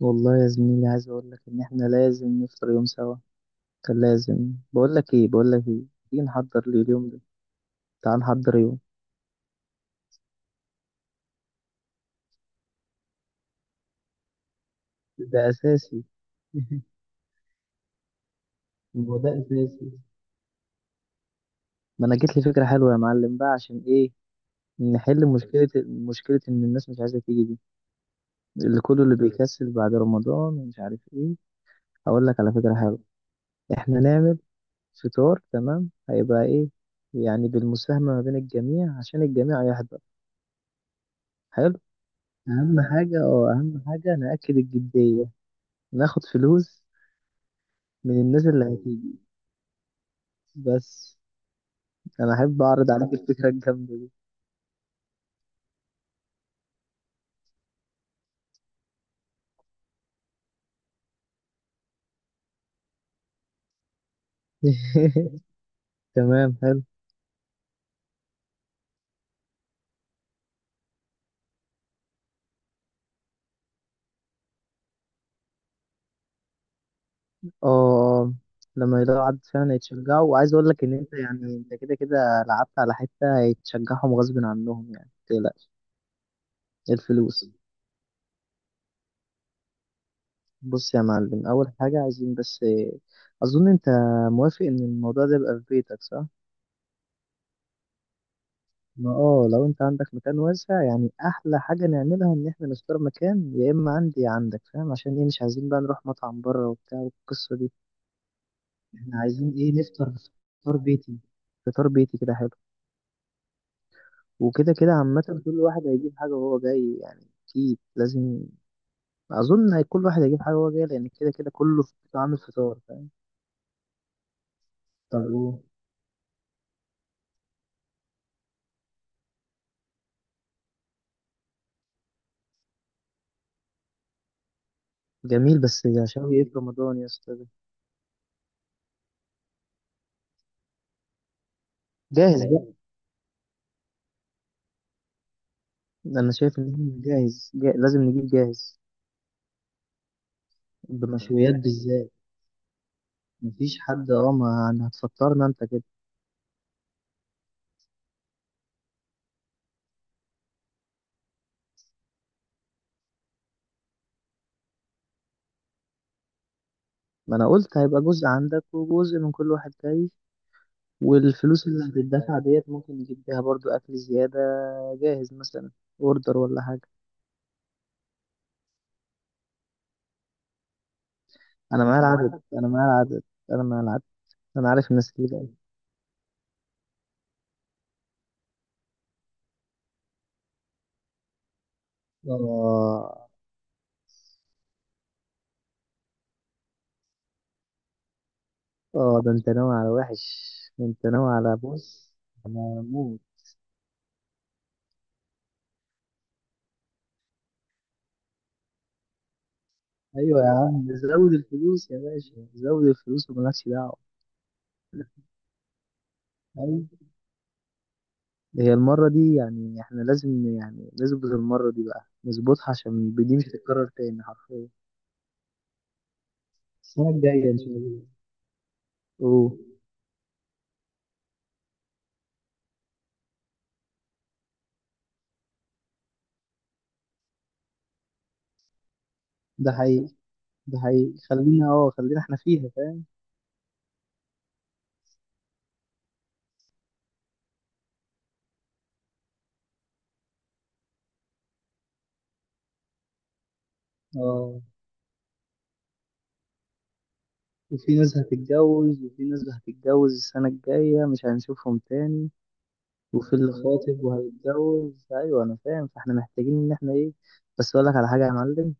والله يا زميلي، عايز اقول لك ان احنا لازم نفطر يوم سوا. كان لازم بقول لك ايه. تيجي نحضر لي اليوم ده؟ تعال نحضر يوم. ده اساسي. هو ده اساسي. ما انا جت لي فكره حلوه يا معلم، بقى عشان ايه؟ نحل مشكله ان الناس مش عايزه تيجي دي، اللي كله اللي بيكسل بعد رمضان ومش عارف ايه. اقول لك على فكره حلوه. احنا نعمل فطار تمام، هيبقى ايه؟ يعني بالمساهمه ما بين الجميع، عشان الجميع يحضر. اهم حاجة، نأكد الجدية. ناخد فلوس من الناس اللي هتيجي، بس. انا احب اعرض عليك الفكرة الجامدة دي. تمام، حلو. اه، آه. لما يلاقوا عدد فعلا يتشجعوا، وعايز اقول لك ان انت، يعني انت كده كده لعبت على حتة يتشجعهم غصب عنهم، يعني متقلقش. الفلوس. بص يا معلم، اول حاجة عايزين بس اظن انت موافق ان الموضوع ده يبقى في بيتك، صح؟ ما لو انت عندك مكان واسع، يعني احلى حاجة نعملها ان احنا نختار مكان، يا اما عندي يا عندك، فاهم؟ عشان ايه؟ مش عايزين بقى نروح مطعم بره وبتاع والقصة دي. احنا عايزين ايه؟ نفطر. فطار بيتي. فطار بيتي كده حلو. وكده كده عامة، كل واحد هيجيب حاجة وهو جاي، يعني اكيد لازم. اظن كل واحد هيجيب حاجة وهو جاي، لان كده كده كله عامل فطار، فاهم؟ طب ايه؟ جميل، بس عشان ايه في رمضان يا اسطى ده؟ جاهز بقى. انا شايف ان احنا جاهز، لازم نجيب جاهز، بمشويات بالذات. مفيش حد ما يعني هتفكرنا انت كده. ما انا قلت هيبقى جزء عندك وجزء من كل واحد جاي. والفلوس اللي هتدفع ديت ممكن نجيب بيها برضو اكل زيادة، جاهز مثلا، اوردر ولا حاجة. انا معايا العدد، انا معايا العدد، انا معايا العدد. انا عارف الناس اللي جاية. اه اه، ده انت ناوي على وحش. ده انت ناوي على، بص انا موت. ايوه يا عم، زود الفلوس يا باشا، زود الفلوس ومالكش دعوة. أيوة. هي المرة دي يعني احنا لازم يعني نظبط المرة دي، بقى نظبطها عشان دي مش هتتكرر تاني حرفيا. السنة الجاية إن شاء الله. أوه. ده حقيقي. ده حقيقي، خلينا احنا فيها، فاهم. اه. وفي ناس هتتجوز، وفي ناس هتتجوز السنة الجاية مش هنشوفهم تاني. وفي اللي خاطب وهيتجوز. أيوة، أنا فاهم، فاحنا محتاجين إن احنا إيه. بس أقول لك على حاجة يا معلم.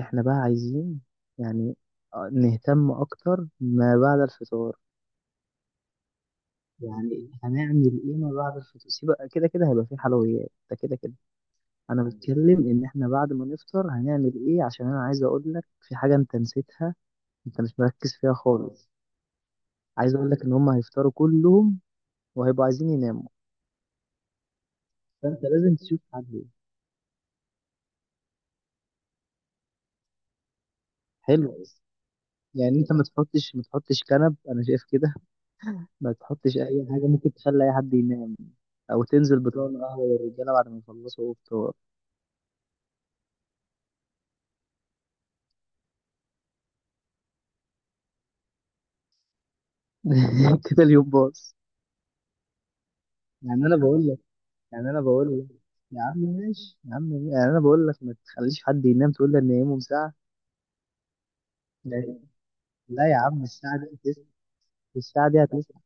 احنا بقى عايزين، يعني، نهتم أكتر ما بعد الفطار. يعني هنعمل ايه ما بعد الفطور؟ سيب، كده كده هيبقى في حلويات، ده كده كده. انا بتكلم ان احنا بعد ما نفطر هنعمل ايه، عشان انا عايز اقول لك في حاجه انت نسيتها، انت مش مركز فيها خالص. عايز اقول لك ان هم هيفطروا كلهم، وهيبقوا عايزين يناموا. فانت لازم تشوف حل. حلو. يعني انت ما تحطش، ما تحطش كنب، انا شايف كده. ما تحطش اي حاجه ممكن تخلي اي حد ينام. او تنزل بطون قهوه للرجاله بعد ما يخلصوا فطار. كده اليوم باظ. يعني انا بقول يعني انا بقول لك، يا عم ماشي، يا عم ماشي. يعني انا بقول لك ما تخليش حد ينام، تقول لي ان ينامهم ساعه. لا لا يا عم، الساعه دي هتسمع، الساعه دي هتسمع.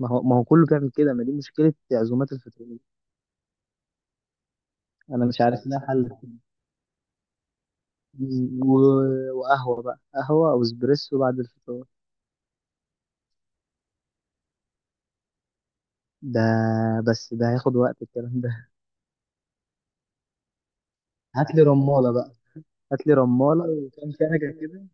ما هو كله بيعمل كده، ما دي مشكله عزومات الفطور. انا مش عارف لها حل. و... وقهوه بقى، قهوه او اسبريسو بعد الفطور. ده، بس ده هياخد وقت الكلام ده. هات لي رماله بقى. هات لي رماله وكام كنكه كده.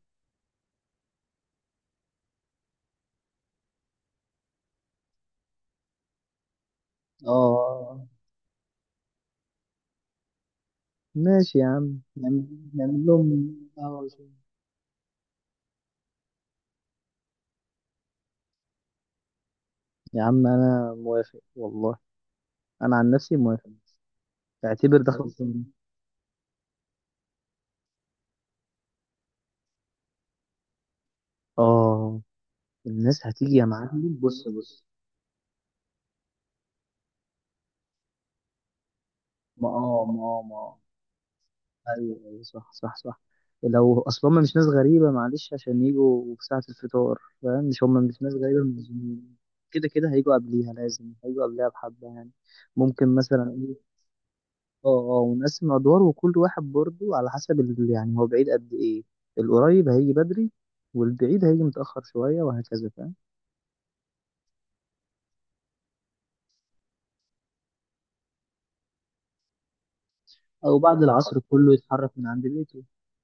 اه ماشي يا عم، نعمل لهم قهوه. يا عم انا موافق والله. انا عن نفسي موافق. اعتبر ده بس خلصان. اه. الناس هتيجي يا معلم، بص بص. ما آه. ايوه ايوه، صح صح صح. لو اصل هم مش ناس غريبه، معلش عشان يجوا في ساعه الفطار، فاهم، مش ناس غريبه، المنظمين كده كده هيجوا قبليها، لازم هيجوا قبليها بحبه يعني. ممكن مثلا ايه، اه اه، ونقسم ادوار وكل واحد برضه على حسب يعني هو بعيد قد ايه، القريب هيجي بدري والبعيد هيجي متاخر شويه، وهكذا فاهم. او بعد العصر كله يتحرك من عند بيته،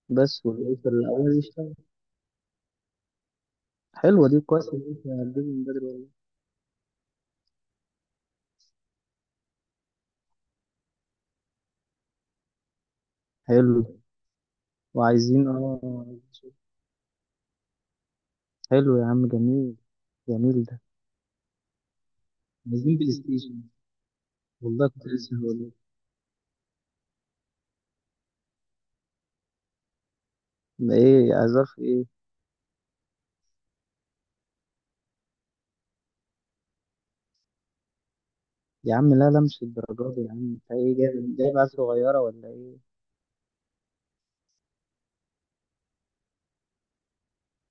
بس والعيش الاول يشتغل. حلوه دي، كويس ان انت هتجيب من بدري والله. حلو، وعايزين حلو يا عم، جميل. جميل ده، عايزين بلاي ستيشن. والله كنت لسه هقول لك. ده ايه عذاب في ايه؟ يا عم لا لا، مش الدرجات دي يا عم، انت ايه، جايب عيال صغيره ولا ايه؟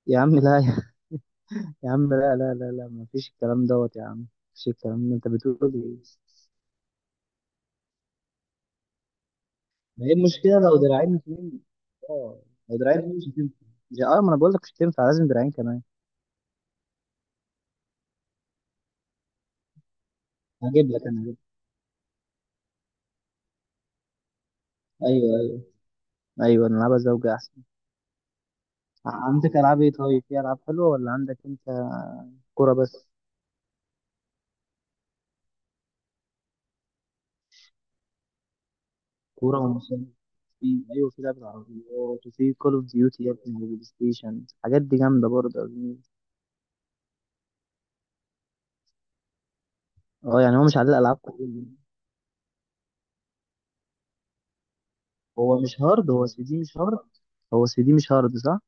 يا عم لا يا يا عم، لا لا لا لا، ما فيش الكلام دوت يا عم، ما فيش الكلام ده، انت بتقول ايه؟ ما هي المشكلة لو دراعين اتنين؟ اه، لو دراعين اتنين مش هتنفع. ما انا بقول لك مش هتنفع، لازم دراعين كمان. هجيب لك، انا هجيب. ايوه، ايوه، ايوه، نلعبها زوجة احسن. عندك العاب ايه؟ طيب في العاب حلوة ولا عندك انت؟ كورة بس. كورة ومسابقات. في، ايوه في لعبة عربيات. وفي كول اوف ديوتي يا ابني، وبلاي ستيشن، الحاجات دي جامدة برضه يا زميلي. اه، يعني هو مش على الالعاب كلها. هو مش هارد. هو سي دي مش هارد. هو سي دي مش هارد، صح؟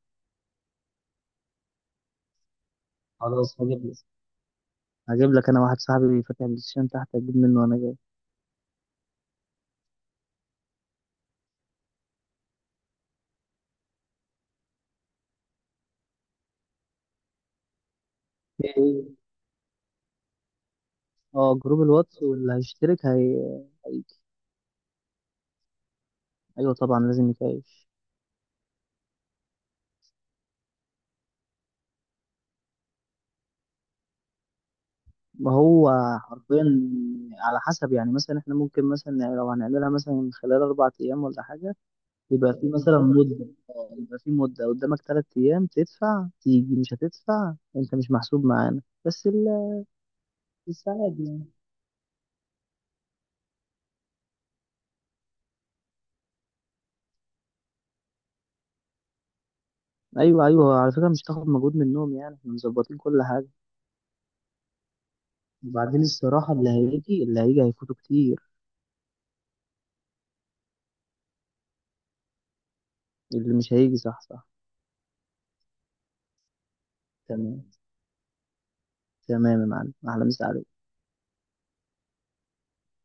خلاص، هجيب لك. هجيب لك انا، واحد صاحبي فاتح بلاي ستيشن تحت، اجيب منه وانا جاي. اه، جروب الواتس، واللي هيشترك هيجي. ايوه طبعا، لازم يتعيش. ما هو حرفيا، على حسب، يعني مثلا احنا ممكن مثلا لو هنعملها مثلا خلال 4 ايام ولا حاجه. يبقى في مثلا مده يبقى في مده قدامك 3 ايام، تدفع تيجي، مش هتدفع انت مش محسوب معانا، بس الساعات يعني. ايوه ايوه، على فكره مش هتاخد مجهود منهم، يعني احنا مظبطين كل حاجه. وبعدين الصراحه، اللي هيجي اللي هيجي هيفوتوا كتير. اللي مش هيجي، صح صح. تمام، تمام يا معلم، احلى مسا عليك.